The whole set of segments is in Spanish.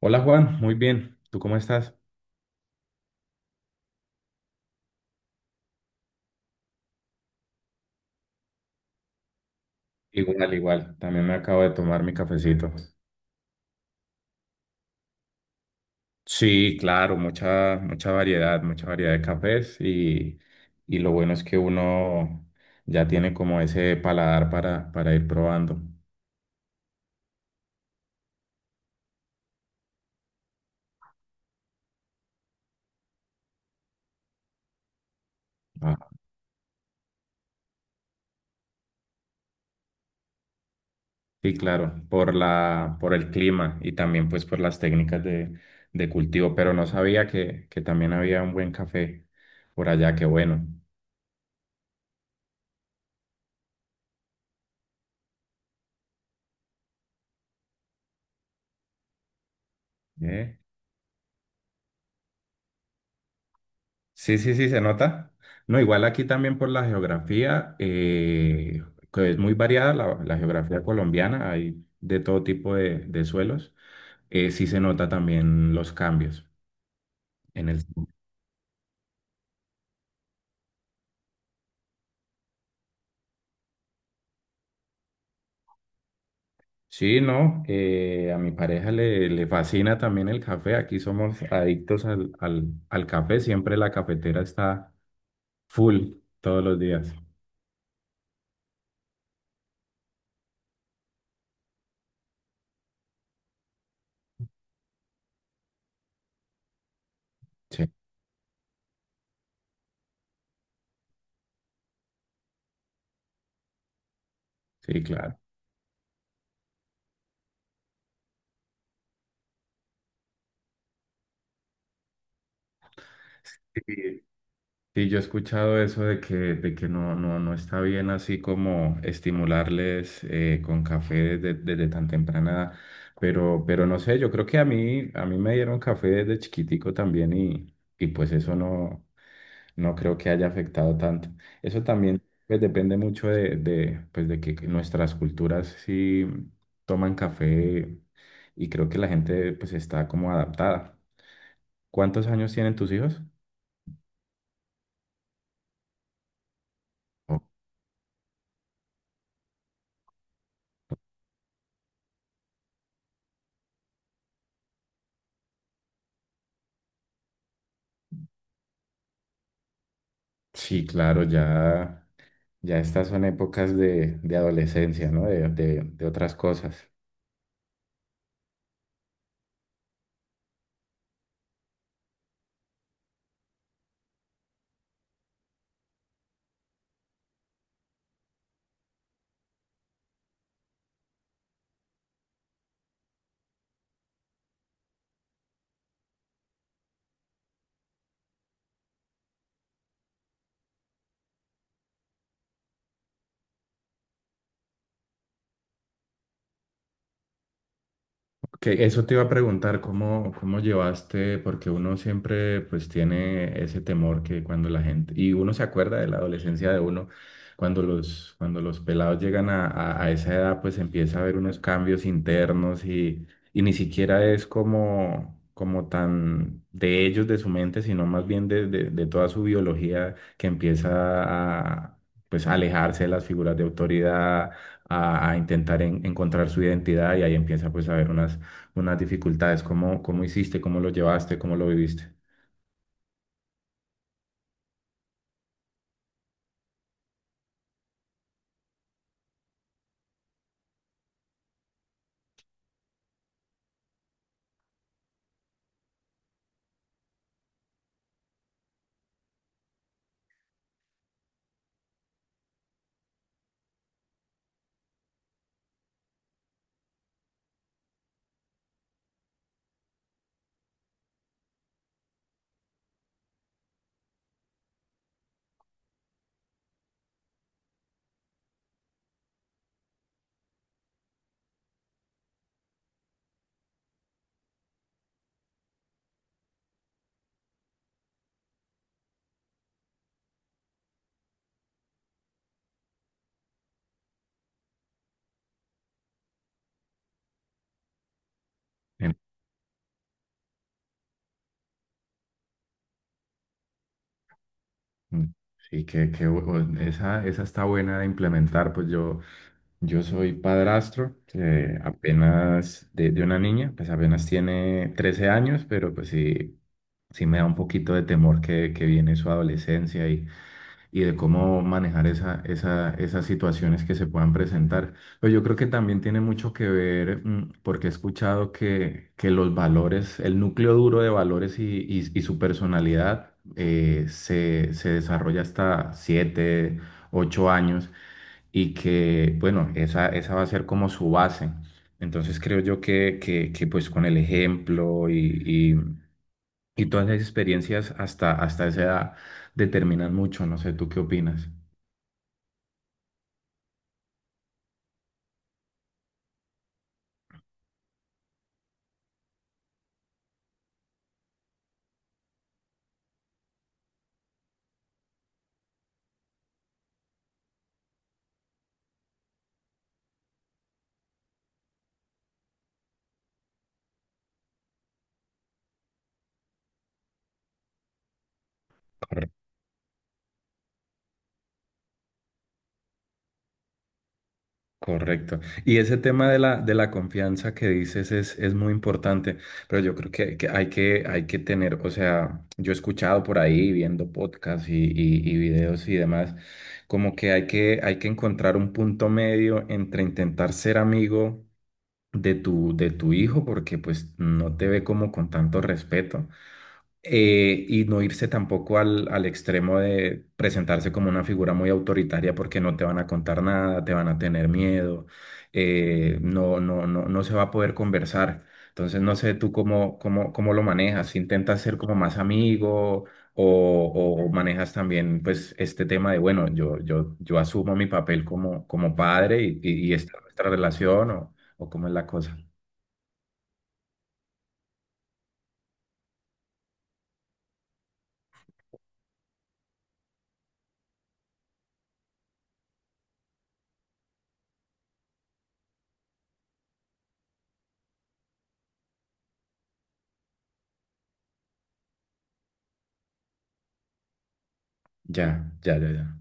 Hola Juan, muy bien. ¿Tú cómo estás? Igual, igual. También me acabo de tomar mi cafecito. Sí, claro, mucha variedad, mucha variedad de cafés, y lo bueno es que uno ya tiene como ese paladar para ir probando. Ah, sí, claro, por por el clima y también pues por las técnicas de cultivo, pero no sabía que también había un buen café por allá, qué bueno. ¿Eh? Sí, sí, sí, se nota. No, igual aquí también por la geografía, que es muy variada la geografía colombiana, hay de todo tipo de suelos. Sí se nota también los cambios en Sí, no, a mi pareja le fascina también el café. Aquí somos adictos al café, siempre la cafetera está full todos los días. Sí, sí, claro. Sí. Sí, yo he escuchado eso de de que no, no, no está bien así como estimularles con café desde tan temprana edad, pero no sé, yo creo que a a mí me dieron café desde chiquitico también y pues eso no, no creo que haya afectado tanto. Eso también pues, depende mucho de que nuestras culturas sí toman café y creo que la gente pues está como adaptada. ¿Cuántos años tienen tus hijos? Oh. Sí, claro, ya. Ya estas son épocas de adolescencia, ¿no? De, de otras cosas. Que eso te iba a preguntar, ¿cómo, cómo llevaste? Porque uno siempre pues tiene ese temor que cuando la gente, y uno se acuerda de la adolescencia de uno, cuando cuando los pelados llegan a, a esa edad pues empieza a haber unos cambios internos y ni siquiera es como, como tan de ellos, de su mente, sino más bien de toda su biología que empieza a pues alejarse de las figuras de autoridad a intentar encontrar su identidad y ahí empieza pues a haber unas dificultades, cómo, cómo hiciste, cómo lo llevaste, cómo lo viviste. Em, mm, Sí, que, que esa, esa está buena de implementar, pues yo soy padrastro, apenas de una niña, pues apenas tiene 13 años, pero pues sí, sí me da un poquito de temor que viene su adolescencia y de cómo manejar esa, esas situaciones que se puedan presentar. Pero yo creo que también tiene mucho que ver, porque he escuchado que los valores, el núcleo duro de valores y y su personalidad se desarrolla hasta siete, ocho años y que, bueno, esa va a ser como su base. Entonces creo yo que pues con el ejemplo y, y todas las experiencias hasta, hasta esa edad determinan mucho. No sé, ¿tú qué opinas? Cor- Correcto. Y ese tema de de la confianza que dices es muy importante, pero yo creo que hay que tener, o sea, yo he escuchado por ahí viendo podcasts y videos y demás, como que hay que encontrar un punto medio entre intentar ser amigo de de tu hijo, porque pues no te ve como con tanto respeto y no irse tampoco al extremo de presentarse como una figura muy autoritaria porque no te van a contar nada, te van a tener miedo, no se va a poder conversar. Entonces no sé tú cómo, cómo, cómo lo manejas, intentas ser como más amigo o manejas también pues este tema de, bueno, yo asumo mi papel como, como padre y esta es nuestra relación o cómo es la cosa. Ya, ya, ya, ya.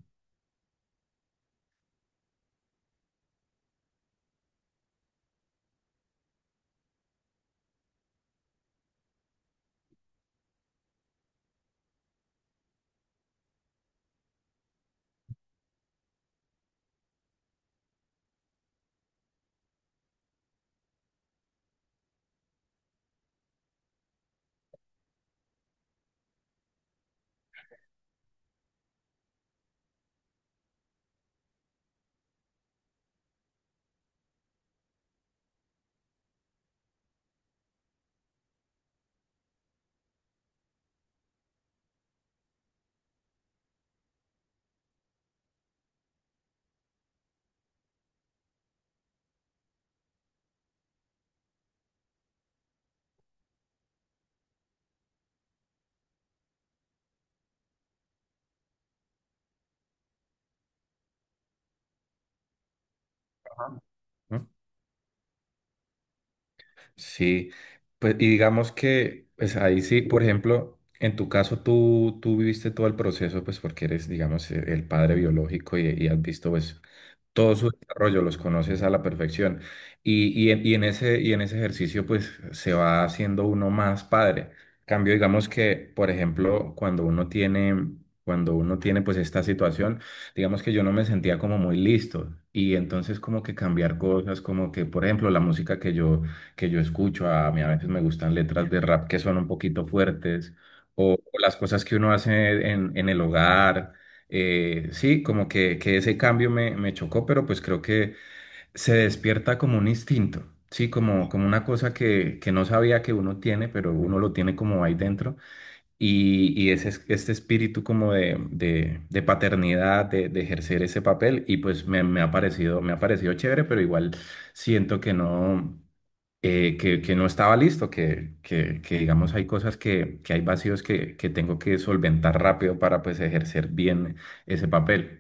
Ajá. Sí, pues y digamos que pues ahí sí, por ejemplo, en tu caso tú viviste todo el proceso, pues porque eres, digamos, el padre biológico y has visto pues todo su desarrollo, los conoces a la perfección. Y en ese ejercicio, pues se va haciendo uno más padre. Cambio, digamos que, por ejemplo, cuando uno tiene pues esta situación, digamos que yo no me sentía como muy listo. Y entonces como que cambiar cosas, como que, por ejemplo, la música que yo escucho, a mí a veces me gustan letras de rap que son un poquito fuertes, o las cosas que uno hace en el hogar sí, como que ese cambio me chocó, pero pues creo que se despierta como un instinto, sí, como, como una cosa que no sabía que uno tiene, pero uno lo tiene como ahí dentro. Y este espíritu como de, de paternidad, de ejercer ese papel, y pues me ha parecido chévere, pero igual siento que no, que no estaba listo, digamos hay cosas que hay vacíos que tengo que solventar rápido para pues ejercer bien ese papel.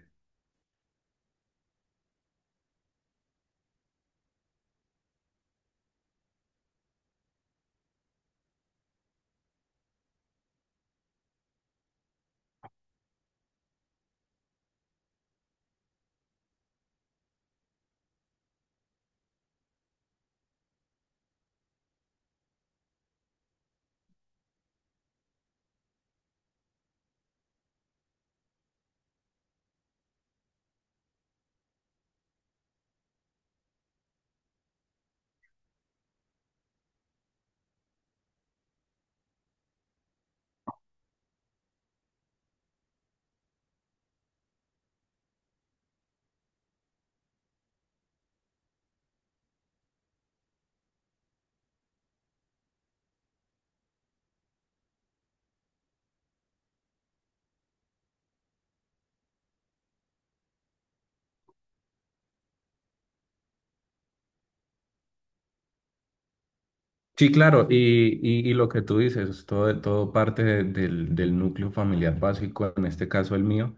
Sí, claro, y lo que tú dices, todo, todo parte del, del núcleo familiar básico, en este caso el mío.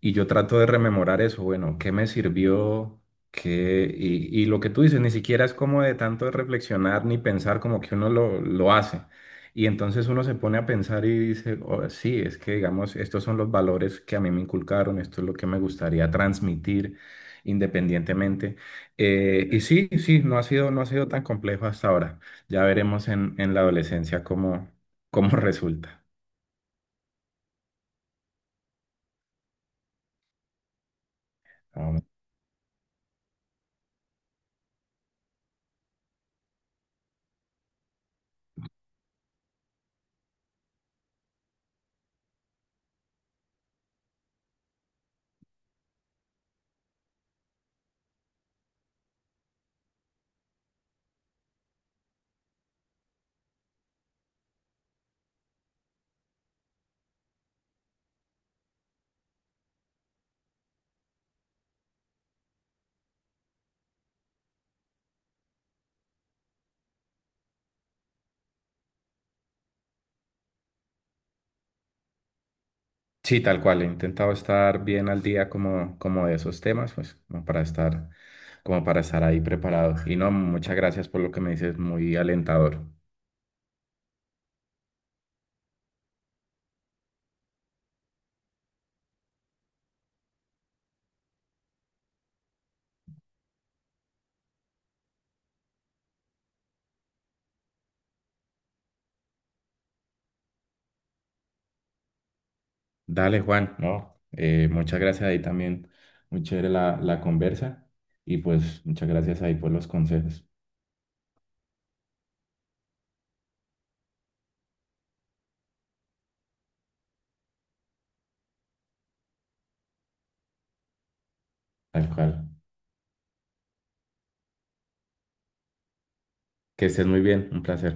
Y yo trato de rememorar eso, bueno, ¿qué me sirvió? ¿Qué? Y lo que tú dices, ni siquiera es como de tanto de reflexionar ni pensar como que uno lo hace. Y entonces uno se pone a pensar y dice, "Oh, sí, es que digamos, estos son los valores que a mí me inculcaron, esto es lo que me gustaría transmitir independientemente." Y sí, no ha sido tan complejo hasta ahora. Ya veremos en la adolescencia cómo, cómo resulta. Sí, tal cual, he intentado estar bien al día como, como de esos temas, pues, como para estar ahí preparado. Y no, muchas gracias por lo que me dices, muy alentador. Dale, Juan, no, muchas gracias ahí también, muy chévere la conversa y pues muchas gracias ahí por los consejos, tal cual. Que estés muy bien, un placer.